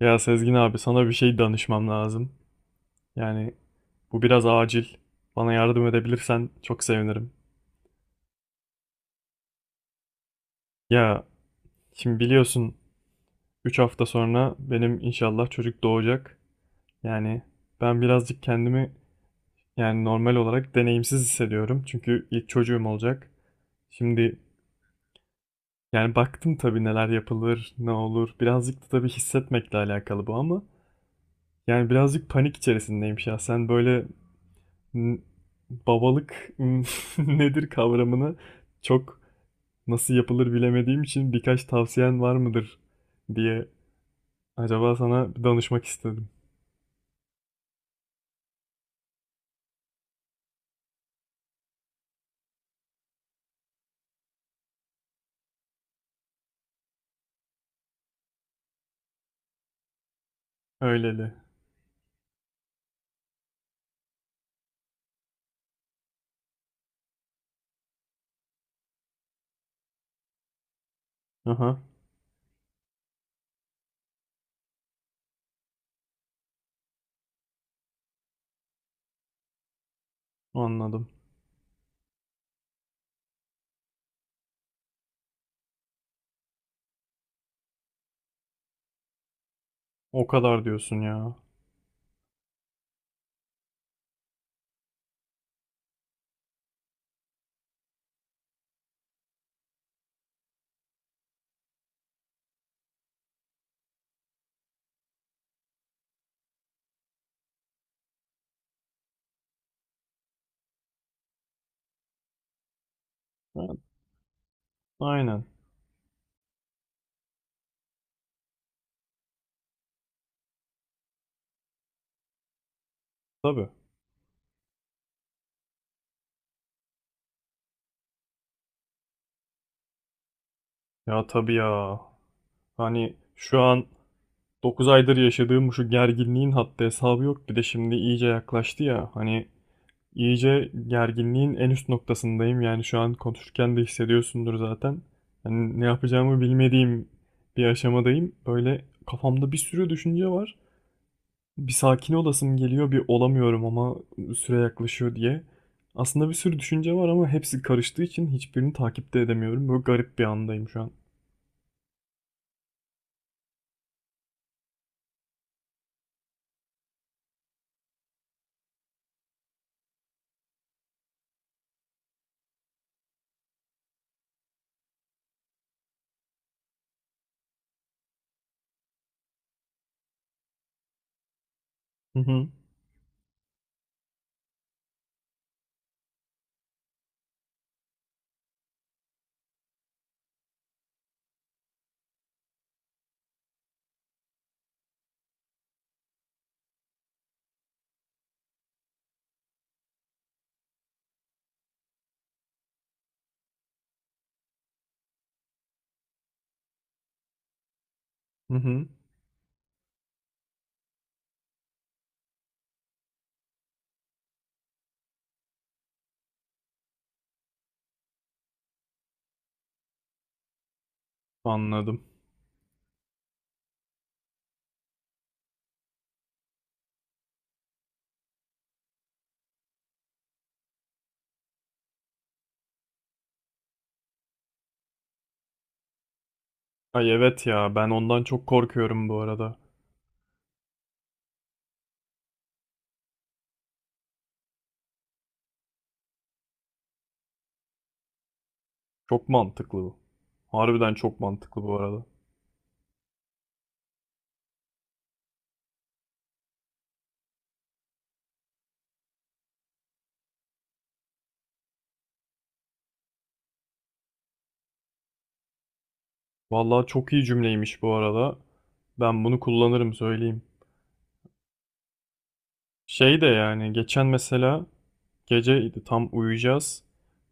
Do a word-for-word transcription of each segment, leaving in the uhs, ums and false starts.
Ya Sezgin abi sana bir şey danışmam lazım. Yani bu biraz acil. Bana yardım edebilirsen çok sevinirim. Ya şimdi biliyorsun üç hafta sonra benim inşallah çocuk doğacak. Yani ben birazcık kendimi yani normal olarak deneyimsiz hissediyorum. Çünkü ilk çocuğum olacak. Şimdi yani baktım tabii neler yapılır, ne olur. Birazcık da tabii hissetmekle alakalı bu ama yani birazcık panik içerisindeyim şahsen. Böyle n- babalık nedir kavramını çok nasıl yapılır bilemediğim için birkaç tavsiyen var mıdır diye acaba sana bir danışmak istedim. Öyleli. Aha, anladım. O kadar diyorsun ya. Ha, aynen. Tabii. Ya tabii ya. Hani şu an dokuz aydır yaşadığım şu gerginliğin haddi hesabı yok. Bir de şimdi iyice yaklaştı ya. Hani İyice gerginliğin en üst noktasındayım. Yani şu an konuşurken de hissediyorsundur zaten. Hani ne yapacağımı bilmediğim bir aşamadayım. Böyle kafamda bir sürü düşünce var. Bir sakin olasım geliyor, bir olamıyorum ama süre yaklaşıyor diye. Aslında bir sürü düşünce var ama hepsi karıştığı için hiçbirini takipte edemiyorum. Böyle garip bir andayım şu an. Hı hı, hı hı. Anladım. Ay, evet ya, ben ondan çok korkuyorum bu arada. Çok mantıklı bu. Harbiden çok mantıklı bu arada. Vallahi çok iyi cümleymiş bu arada. Ben bunu kullanırım söyleyeyim. Şey de yani geçen mesela geceydi tam uyuyacağız.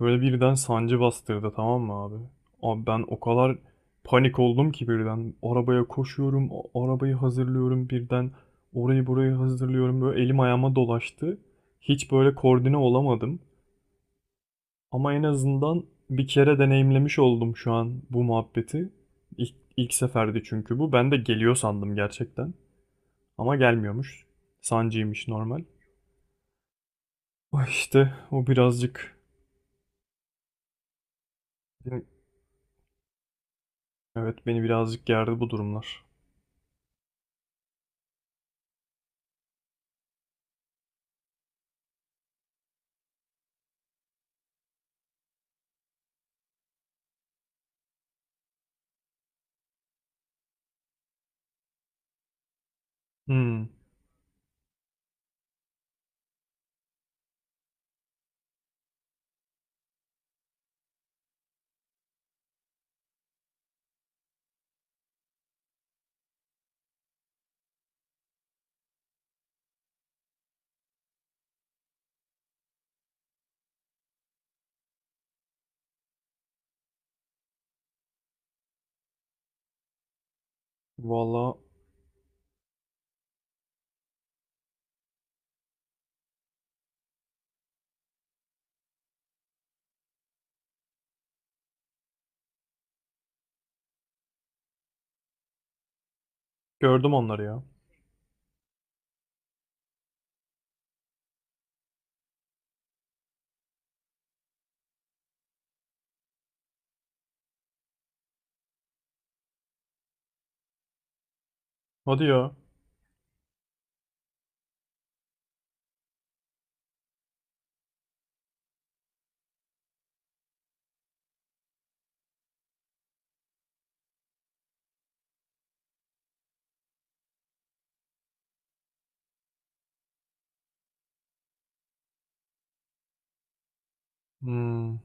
Böyle birden sancı bastırdı, tamam mı abi? Abi ben o kadar panik oldum ki birden. Arabaya koşuyorum, a- arabayı hazırlıyorum birden. Orayı burayı hazırlıyorum. Böyle elim ayağıma dolaştı. Hiç böyle koordine olamadım. Ama en azından bir kere deneyimlemiş oldum şu an bu muhabbeti. İlk, ilk seferdi çünkü bu. Ben de geliyor sandım gerçekten. Ama gelmiyormuş. Sancıymış normal. Ah, İşte o birazcık... Evet, beni birazcık gerdi bu durumlar. Hmm. Valla gördüm onları ya. Hadi ya. Hmm.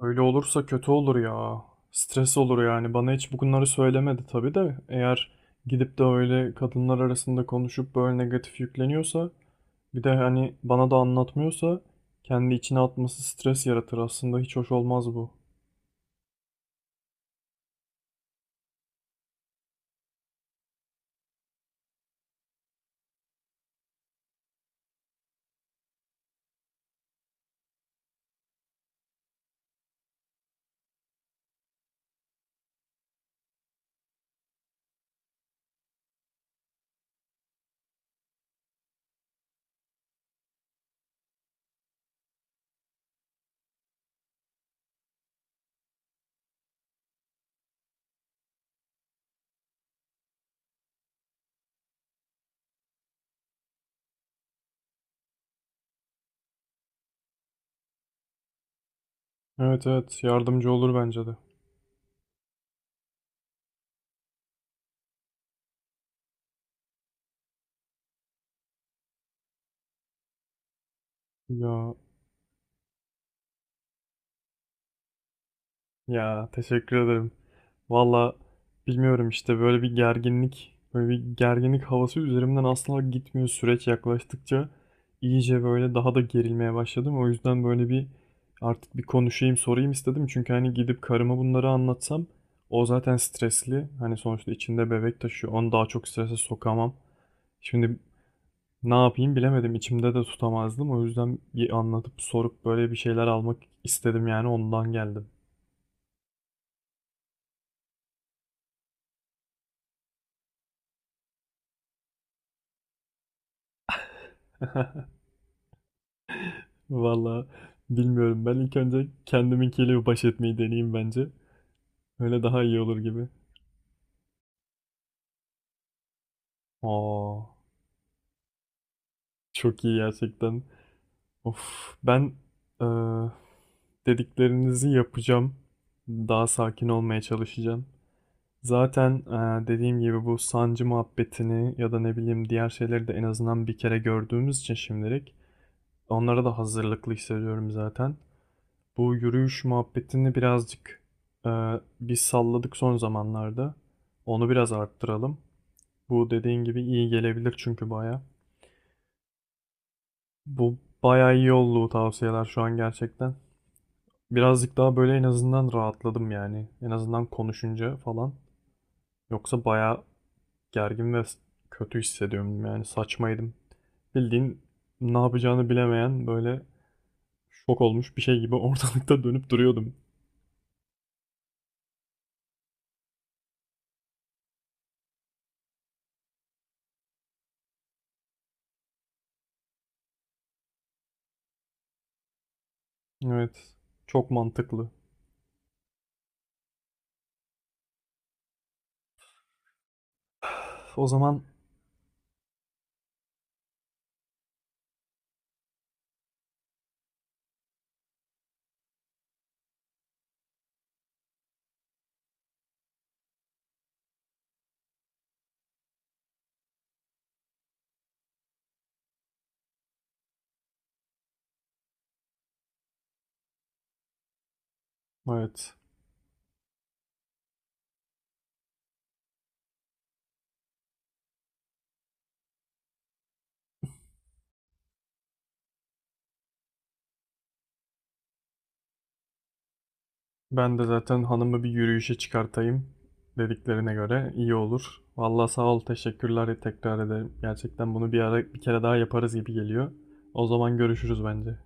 Öyle olursa kötü olur ya. Stres olur yani. Bana hiç bunları söylemedi tabii de. Eğer gidip de öyle kadınlar arasında konuşup böyle negatif yükleniyorsa bir de hani bana da anlatmıyorsa kendi içine atması stres yaratır aslında. Hiç hoş olmaz bu. Evet, evet, yardımcı olur bence de. Ya, ya, teşekkür ederim. Valla bilmiyorum, işte böyle bir gerginlik, böyle bir gerginlik havası üzerimden asla gitmiyor süreç yaklaştıkça. İyice böyle daha da gerilmeye başladım. O yüzden böyle bir artık bir konuşayım, sorayım istedim. Çünkü hani gidip karıma bunları anlatsam o zaten stresli. Hani sonuçta içinde bebek taşıyor. Onu daha çok strese sokamam. Şimdi ne yapayım bilemedim. İçimde de tutamazdım. O yüzden bir anlatıp sorup böyle bir şeyler almak istedim yani ondan geldim. Valla bilmiyorum. Ben ilk önce kendiminkiyle bir baş etmeyi deneyeyim bence. Öyle daha iyi olur gibi. Aa, çok iyi gerçekten. Of, ben eee, dediklerinizi yapacağım. Daha sakin olmaya çalışacağım. Zaten eee, dediğim gibi bu sancı muhabbetini ya da ne bileyim diğer şeyleri de en azından bir kere gördüğümüz için şimdilik onlara da hazırlıklı hissediyorum zaten. Bu yürüyüş muhabbetini birazcık e, bir salladık son zamanlarda. Onu biraz arttıralım. Bu dediğin gibi iyi gelebilir çünkü baya. Bu baya iyi oldu bu tavsiyeler şu an gerçekten. Birazcık daha böyle en azından rahatladım yani. En azından konuşunca falan. Yoksa baya gergin ve kötü hissediyorum yani saçmaydım. Bildiğin ne yapacağını bilemeyen böyle şok olmuş bir şey gibi ortalıkta dönüp duruyordum. Evet, çok mantıklı. O zaman evet. Ben de zaten hanımı bir yürüyüşe çıkartayım, dediklerine göre iyi olur. Vallahi sağ ol, teşekkürler tekrar ederim. Gerçekten bunu bir ara bir kere daha yaparız gibi geliyor. O zaman görüşürüz bence.